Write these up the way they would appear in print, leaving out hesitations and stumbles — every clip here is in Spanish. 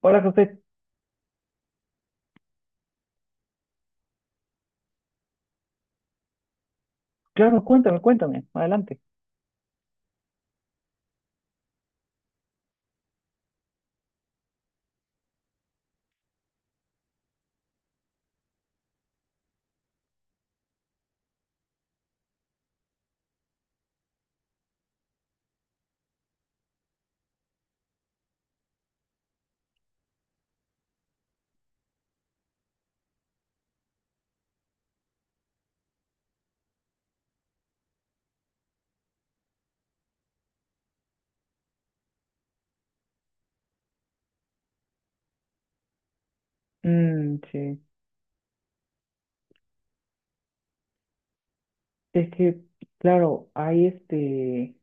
Hola, José. Claro, cuéntame, cuéntame. Adelante. Mm, sí. Es que, claro,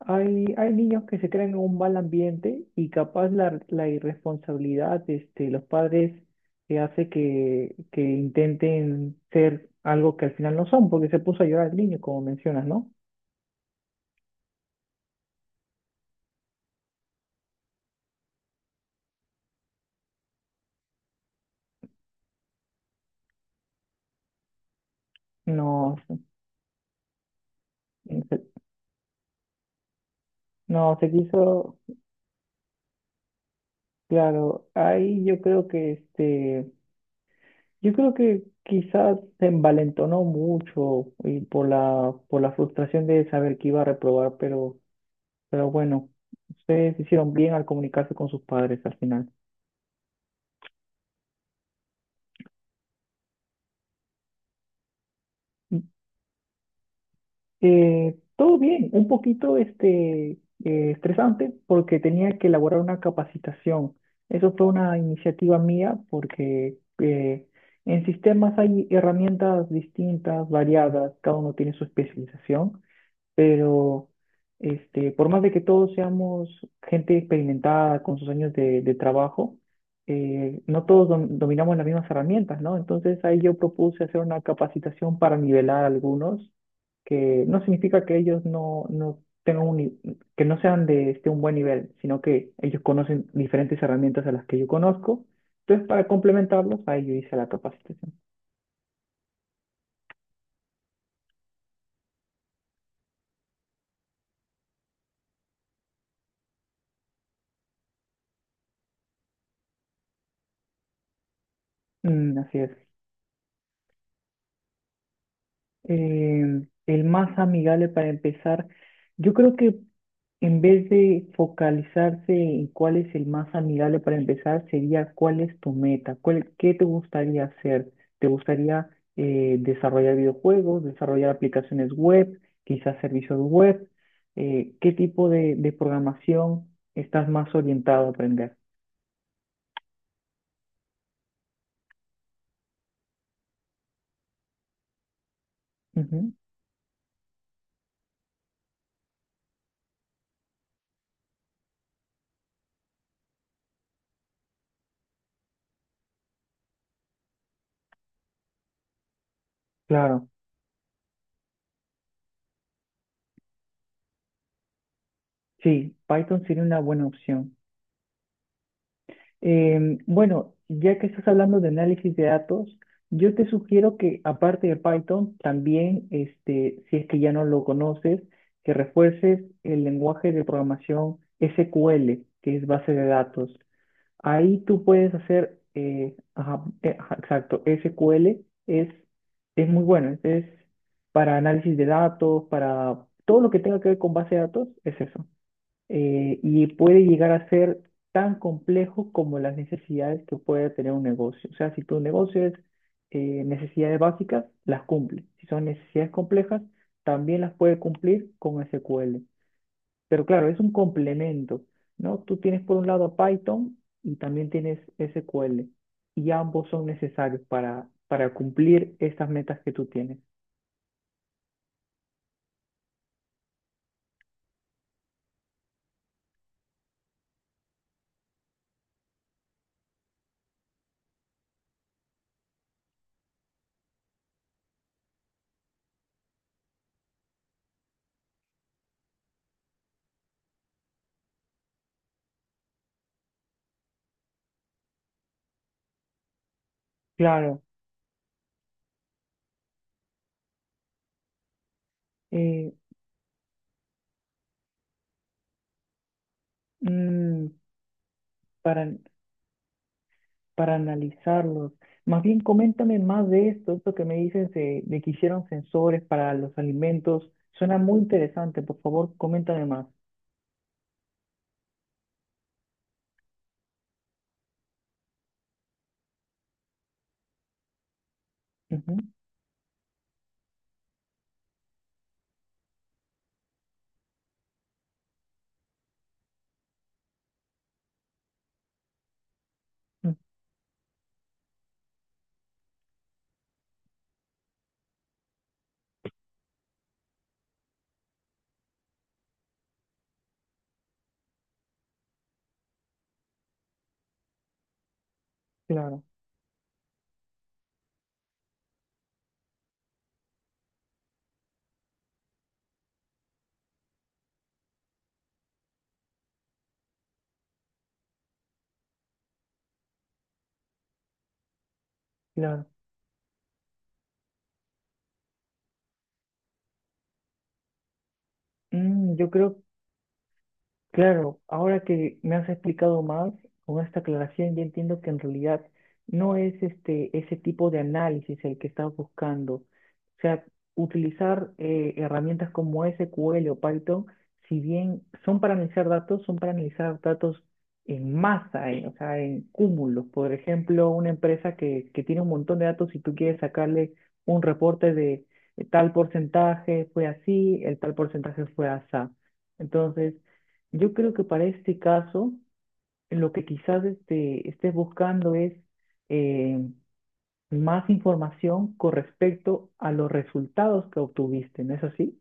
hay niños que se crean en un mal ambiente y capaz la irresponsabilidad de los padres que hace que intenten ser algo que al final no son, porque se puso a llorar el niño, como mencionas, ¿no? No, se- no, se quiso, claro, ahí yo creo que. Yo creo que quizás se envalentonó mucho y por la frustración de saber que iba a reprobar, pero bueno, ustedes hicieron bien al comunicarse con sus padres al final. Mm, Todo bien, un poquito estresante porque tenía que elaborar una capacitación. Eso fue una iniciativa mía porque en sistemas hay herramientas distintas, variadas, cada uno tiene su especialización, pero por más de que todos seamos gente experimentada con sus años de trabajo, no todos dominamos las mismas herramientas, ¿no? Entonces ahí yo propuse hacer una capacitación para nivelar a algunos, que no significa que ellos no tengan un, ni- que no sean de un buen nivel, sino que ellos conocen diferentes herramientas a las que yo conozco. Entonces, para complementarlos, ahí yo hice la capacitación. Mm, así es. El más amigable para empezar, yo creo que, en vez de focalizarse en cuál es el más amigable para empezar, sería cuál es tu meta, cuál, qué te gustaría hacer. ¿Te gustaría desarrollar videojuegos, desarrollar aplicaciones web, quizás servicios web? ¿Qué tipo de programación estás más orientado a aprender? Ujú. Claro, sí, Python sería una buena opción. Bueno, ya que estás hablando de análisis de datos, yo te sugiero que, aparte de Python, también, este, si es que ya no lo conoces, que refuerces el lenguaje de programación SQL, que es base de datos. Ahí tú puedes hacer, ajá, ajá, exacto, SQL es muy bueno, es para análisis de datos, para todo lo que tenga que ver con base de datos, es eso. Y puede llegar a ser tan complejo como las necesidades que puede tener un negocio. O sea, si tu negocio es, necesidades básicas, las cumple. Si son necesidades complejas, también las puede cumplir con SQL. Pero claro, es un complemento, ¿no? Tú tienes por un lado a Python y también tienes SQL. Y ambos son necesarios para cumplir estas metas que tú tienes. Claro. eh, mm, para, para analizarlos. Más bien, coméntame más de esto, esto que me dicen de que hicieron sensores para los alimentos. Suena muy interesante, por favor, coméntame más. Ujú. Mm. Claro, claro. Mm, yo creo. Claro, ahora que me has explicado más con esta aclaración, ya entiendo que en realidad no es ese tipo de análisis el que estás buscando. O sea, utilizar herramientas como SQL o Python, si bien son para analizar datos, son para analizar datos en masa, o sea, en cúmulos. Por ejemplo, una empresa que tiene un montón de datos y tú quieres sacarle un reporte de tal porcentaje fue así, el tal porcentaje fue así. Entonces, yo creo que para este caso, lo que quizás estés buscando es, eh, más información con respecto a los resultados que obtuviste, ¿no es así?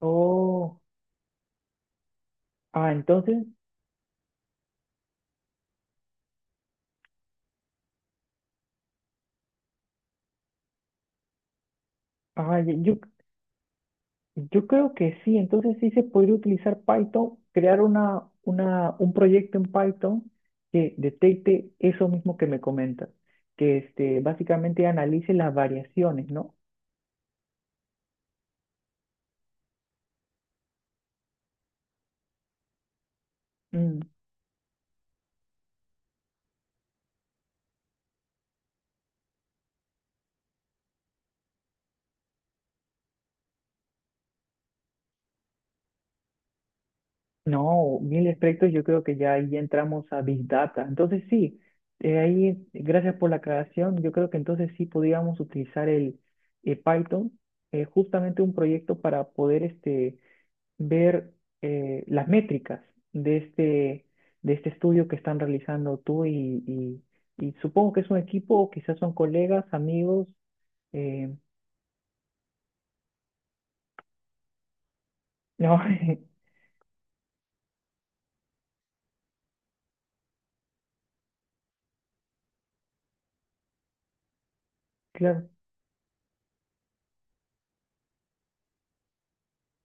Oh, ah, entonces, ah, yo, yo creo que sí, entonces sí se podría utilizar Python, crear un proyecto en Python que detecte eso mismo que me comentas, que este, básicamente analice las variaciones, ¿no? No, mil aspectos, yo creo que ya ahí entramos a Big Data. Entonces sí, ahí gracias por la aclaración. Yo creo que entonces sí podríamos utilizar el Python, justamente un proyecto para poder ver las métricas de de este estudio que están realizando tú y supongo que es un equipo, o quizás son colegas, amigos. Eh, no, claro.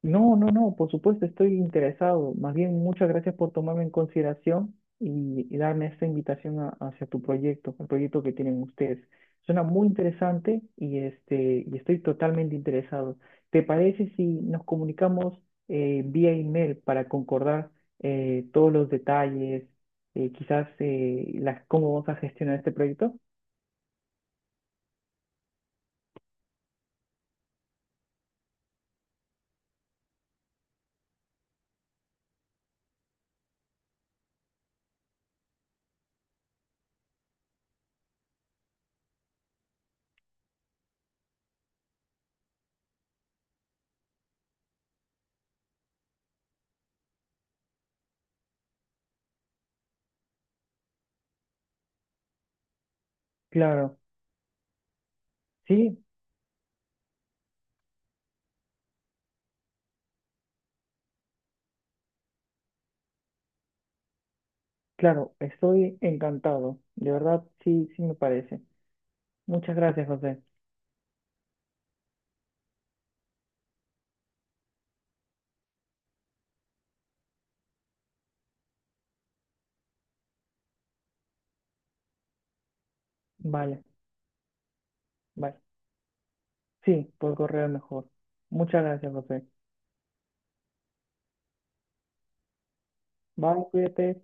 No, no, no, por supuesto estoy interesado. Más bien, muchas gracias por tomarme en consideración y darme esta invitación hacia tu proyecto, el proyecto que tienen ustedes. Suena muy interesante y, este, y estoy totalmente interesado. ¿Te parece si nos comunicamos vía email para concordar todos los detalles, quizás las, cómo vamos a gestionar este proyecto? Claro, sí, claro, estoy encantado. De verdad, sí, sí me parece. Muchas gracias, José. Vale, vale. Sí, por correo mejor. Muchas gracias, José. Bye, cuídate.